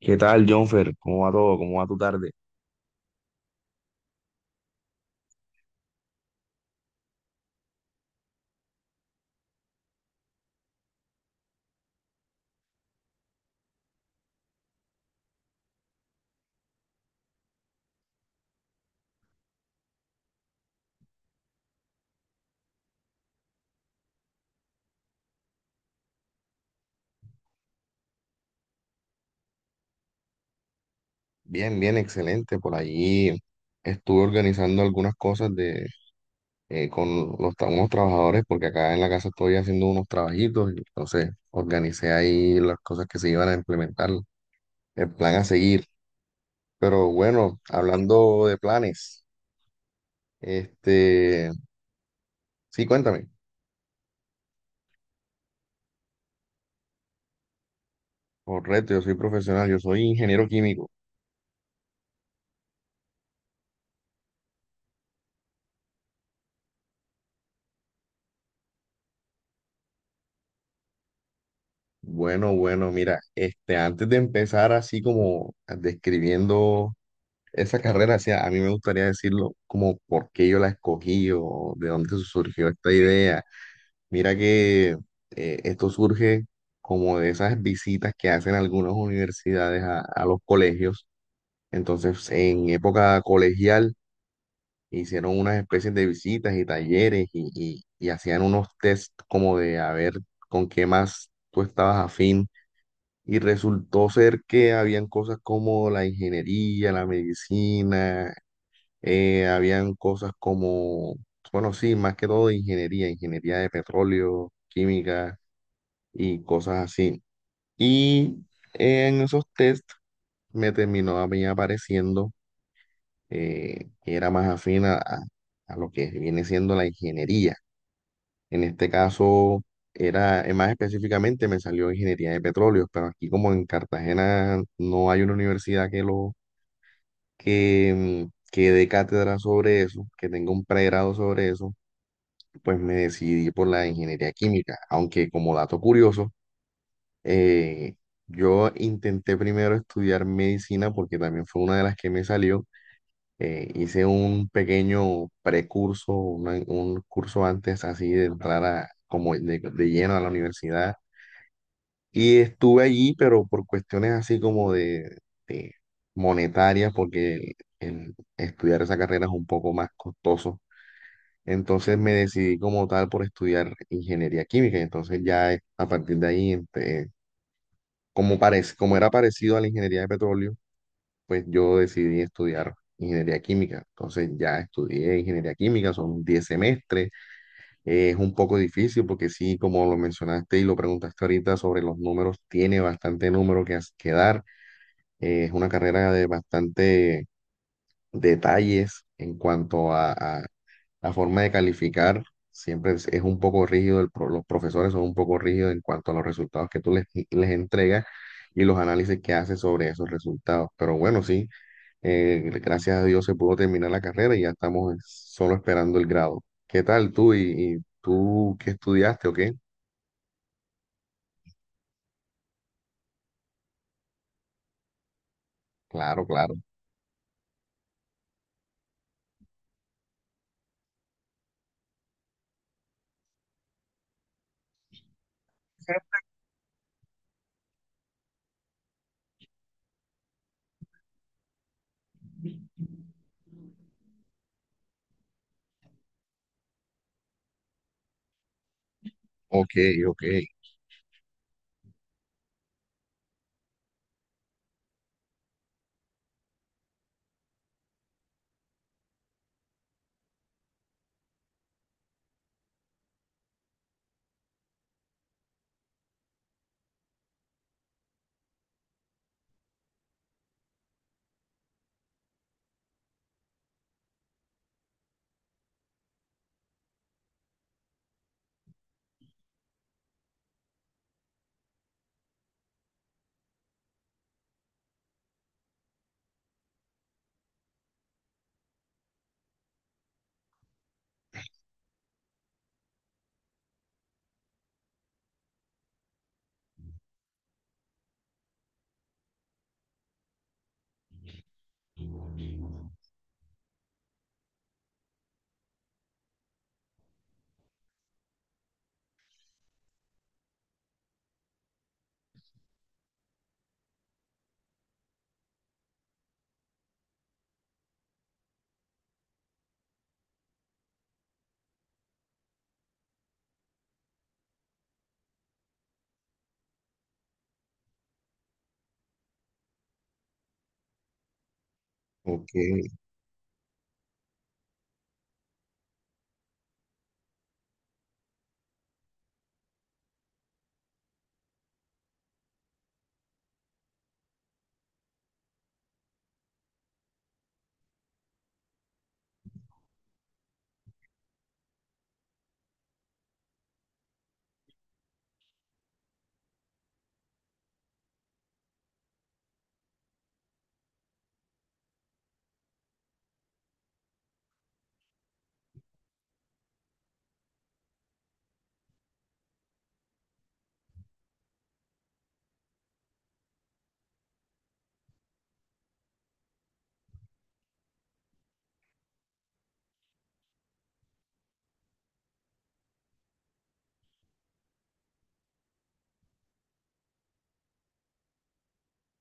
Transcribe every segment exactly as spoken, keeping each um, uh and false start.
¿Qué tal, Jonfer? ¿Cómo va todo? ¿Cómo va tu tarde? Bien, bien, excelente. Por allí estuve organizando algunas cosas de, eh, con los, tra- unos trabajadores, porque acá en la casa estoy haciendo unos trabajitos, y entonces organicé ahí las cosas que se iban a implementar, el plan a seguir. Pero bueno, hablando de planes, este, sí, cuéntame. Correcto, yo soy profesional, yo soy ingeniero químico. Bueno, bueno, mira, este, antes de empezar así como describiendo esa carrera, sí, a mí me gustaría decirlo como por qué yo la escogí o de dónde surgió esta idea. Mira que eh, esto surge como de esas visitas que hacen algunas universidades a, a los colegios. Entonces, en época colegial hicieron unas especies de visitas y talleres y, y- y hacían unos test como de a ver con qué más tú estabas afín. Y resultó ser que habían cosas como la ingeniería, la medicina, eh, habían cosas como, bueno, sí, más que todo de ingeniería, ingeniería de petróleo, química y cosas así. Y eh, en esos test me terminó a mí apareciendo, eh, que era más afín a, a- a lo que viene siendo la ingeniería. En este caso, era, eh, más específicamente me salió ingeniería de petróleo, pero aquí como en Cartagena no hay una universidad que lo, que, mm, que dé cátedra sobre eso, que tenga un pregrado sobre eso, pues me decidí por la ingeniería química, aunque como dato curioso, eh, yo intenté primero estudiar medicina porque también fue una de las que me salió. Eh, hice un pequeño precurso, una- un curso antes así de entrar a, como de, de lleno a la universidad, y estuve allí, pero por cuestiones así como de, de monetarias, porque el el estudiar esa carrera es un poco más costoso. Entonces me decidí como tal por estudiar ingeniería química. Y entonces ya, eh, a partir de ahí, ente- como parece, como era parecido a la ingeniería de petróleo, pues yo decidí estudiar ingeniería química. Entonces ya estudié ingeniería química, son diez semestres. Eh, es un poco difícil porque sí, como lo mencionaste y lo preguntaste ahorita sobre los números, tiene bastante número que, as- que dar. Eh, es una carrera de bastante detalles en cuanto a la forma de calificar. Siempre es, es un poco rígido, el pro- los profesores son un poco rígidos en cuanto a los resultados que tú les, les entregas y los análisis que haces sobre esos resultados. Pero bueno, sí, eh, gracias a Dios se pudo terminar la carrera y ya estamos solo esperando el grado. ¿Qué tal tú, y, y tú qué estudiaste o qué? Claro, claro. Ok, ok, ok.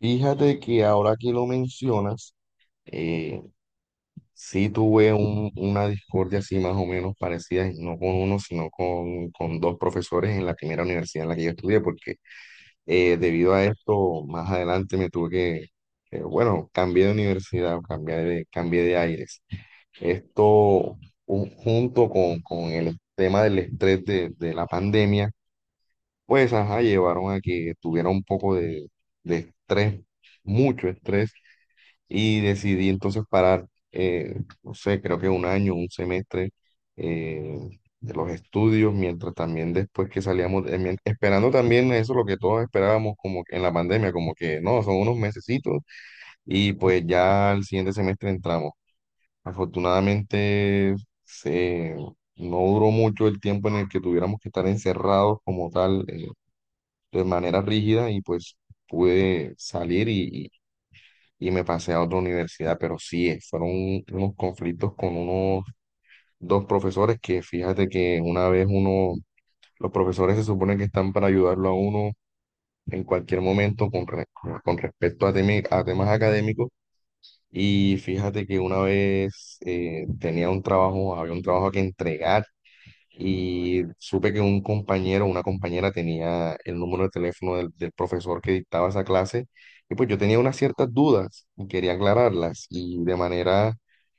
Fíjate que ahora que lo mencionas, eh, sí tuve un- una discordia así más o menos parecida, y no con uno, sino con, con dos profesores en la primera universidad en la que yo estudié, porque eh, debido a esto, más adelante me tuve que, eh, bueno, cambié de universidad, cambié de, cambié de aires. Esto, ju- junto con, con el tema del estrés de, de la pandemia, pues, ajá, llevaron a que tuviera un poco de, de estrés, mucho estrés, y decidí entonces parar, eh, no sé, creo que un año, un semestre, eh, de los estudios, mientras también después que salíamos, eh, mien- esperando también eso, lo que todos esperábamos, como que en la pandemia, como que no, son unos mesecitos, y pues ya al siguiente semestre entramos. Afortunadamente se, no duró mucho el tiempo en el que tuviéramos que estar encerrados como tal, eh, de manera rígida, y pues pude salir y me pasé a otra universidad, pero sí, eh, fueron un- unos conflictos con unos dos profesores. Que fíjate que una vez uno, los profesores se supone que están para ayudarlo a uno en cualquier momento con, re- con respecto a, temi- a temas académicos. Y fíjate que una vez, eh, tenía un trabajo, había un trabajo que entregar y supe que un compañero o una compañera tenía el número de teléfono del, del profesor que dictaba esa clase, y pues yo tenía unas ciertas dudas y quería aclararlas y de manera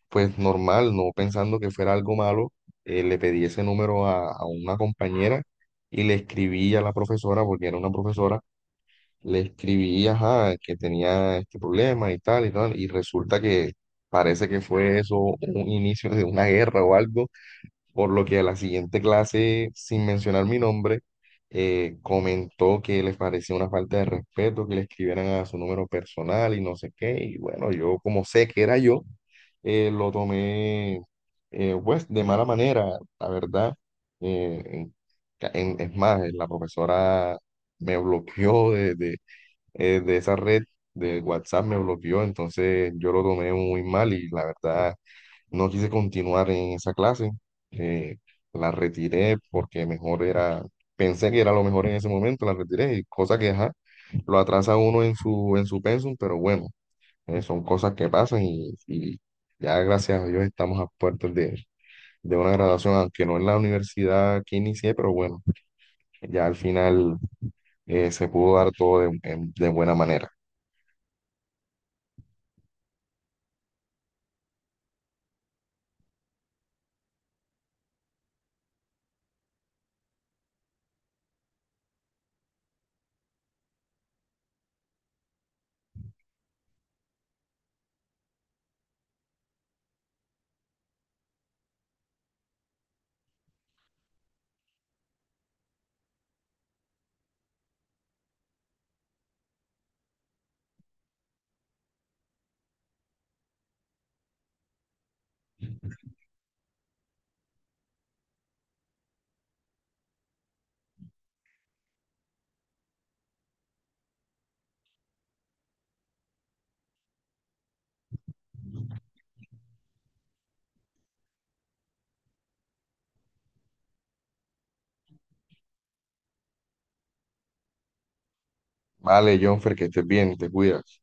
pues normal, no pensando que fuera algo malo, eh, le pedí ese número a, a una compañera, y le escribí a la profesora porque era una profesora, le escribí, ajá, que tenía este problema y tal y tal y resulta que... Parece que fue eso un inicio de una guerra o algo, por lo que a la siguiente clase, sin mencionar mi nombre, eh, comentó que les parecía una falta de respeto que le escribieran a su número personal y no sé qué. Y bueno, yo como sé que era yo, eh, lo tomé, eh, pues, de mala manera, la verdad. Eh, en- en- es más, eh, la profesora me bloqueó de, de, eh, de esa red de WhatsApp, me bloqueó, entonces yo lo tomé muy mal y la verdad no quise continuar en esa clase, eh, la retiré porque mejor era, pensé que era lo mejor en ese momento, la retiré, y cosa que, ajá, lo atrasa uno en su, en su, pensum, pero bueno, eh, son cosas que pasan y, y ya gracias a Dios estamos a puertas de, de una graduación, aunque no en la universidad que inicié, pero bueno, ya al final, eh, se pudo dar todo de, en- de buena manera. Vale, Jonfer, que estés bien, te cuidas.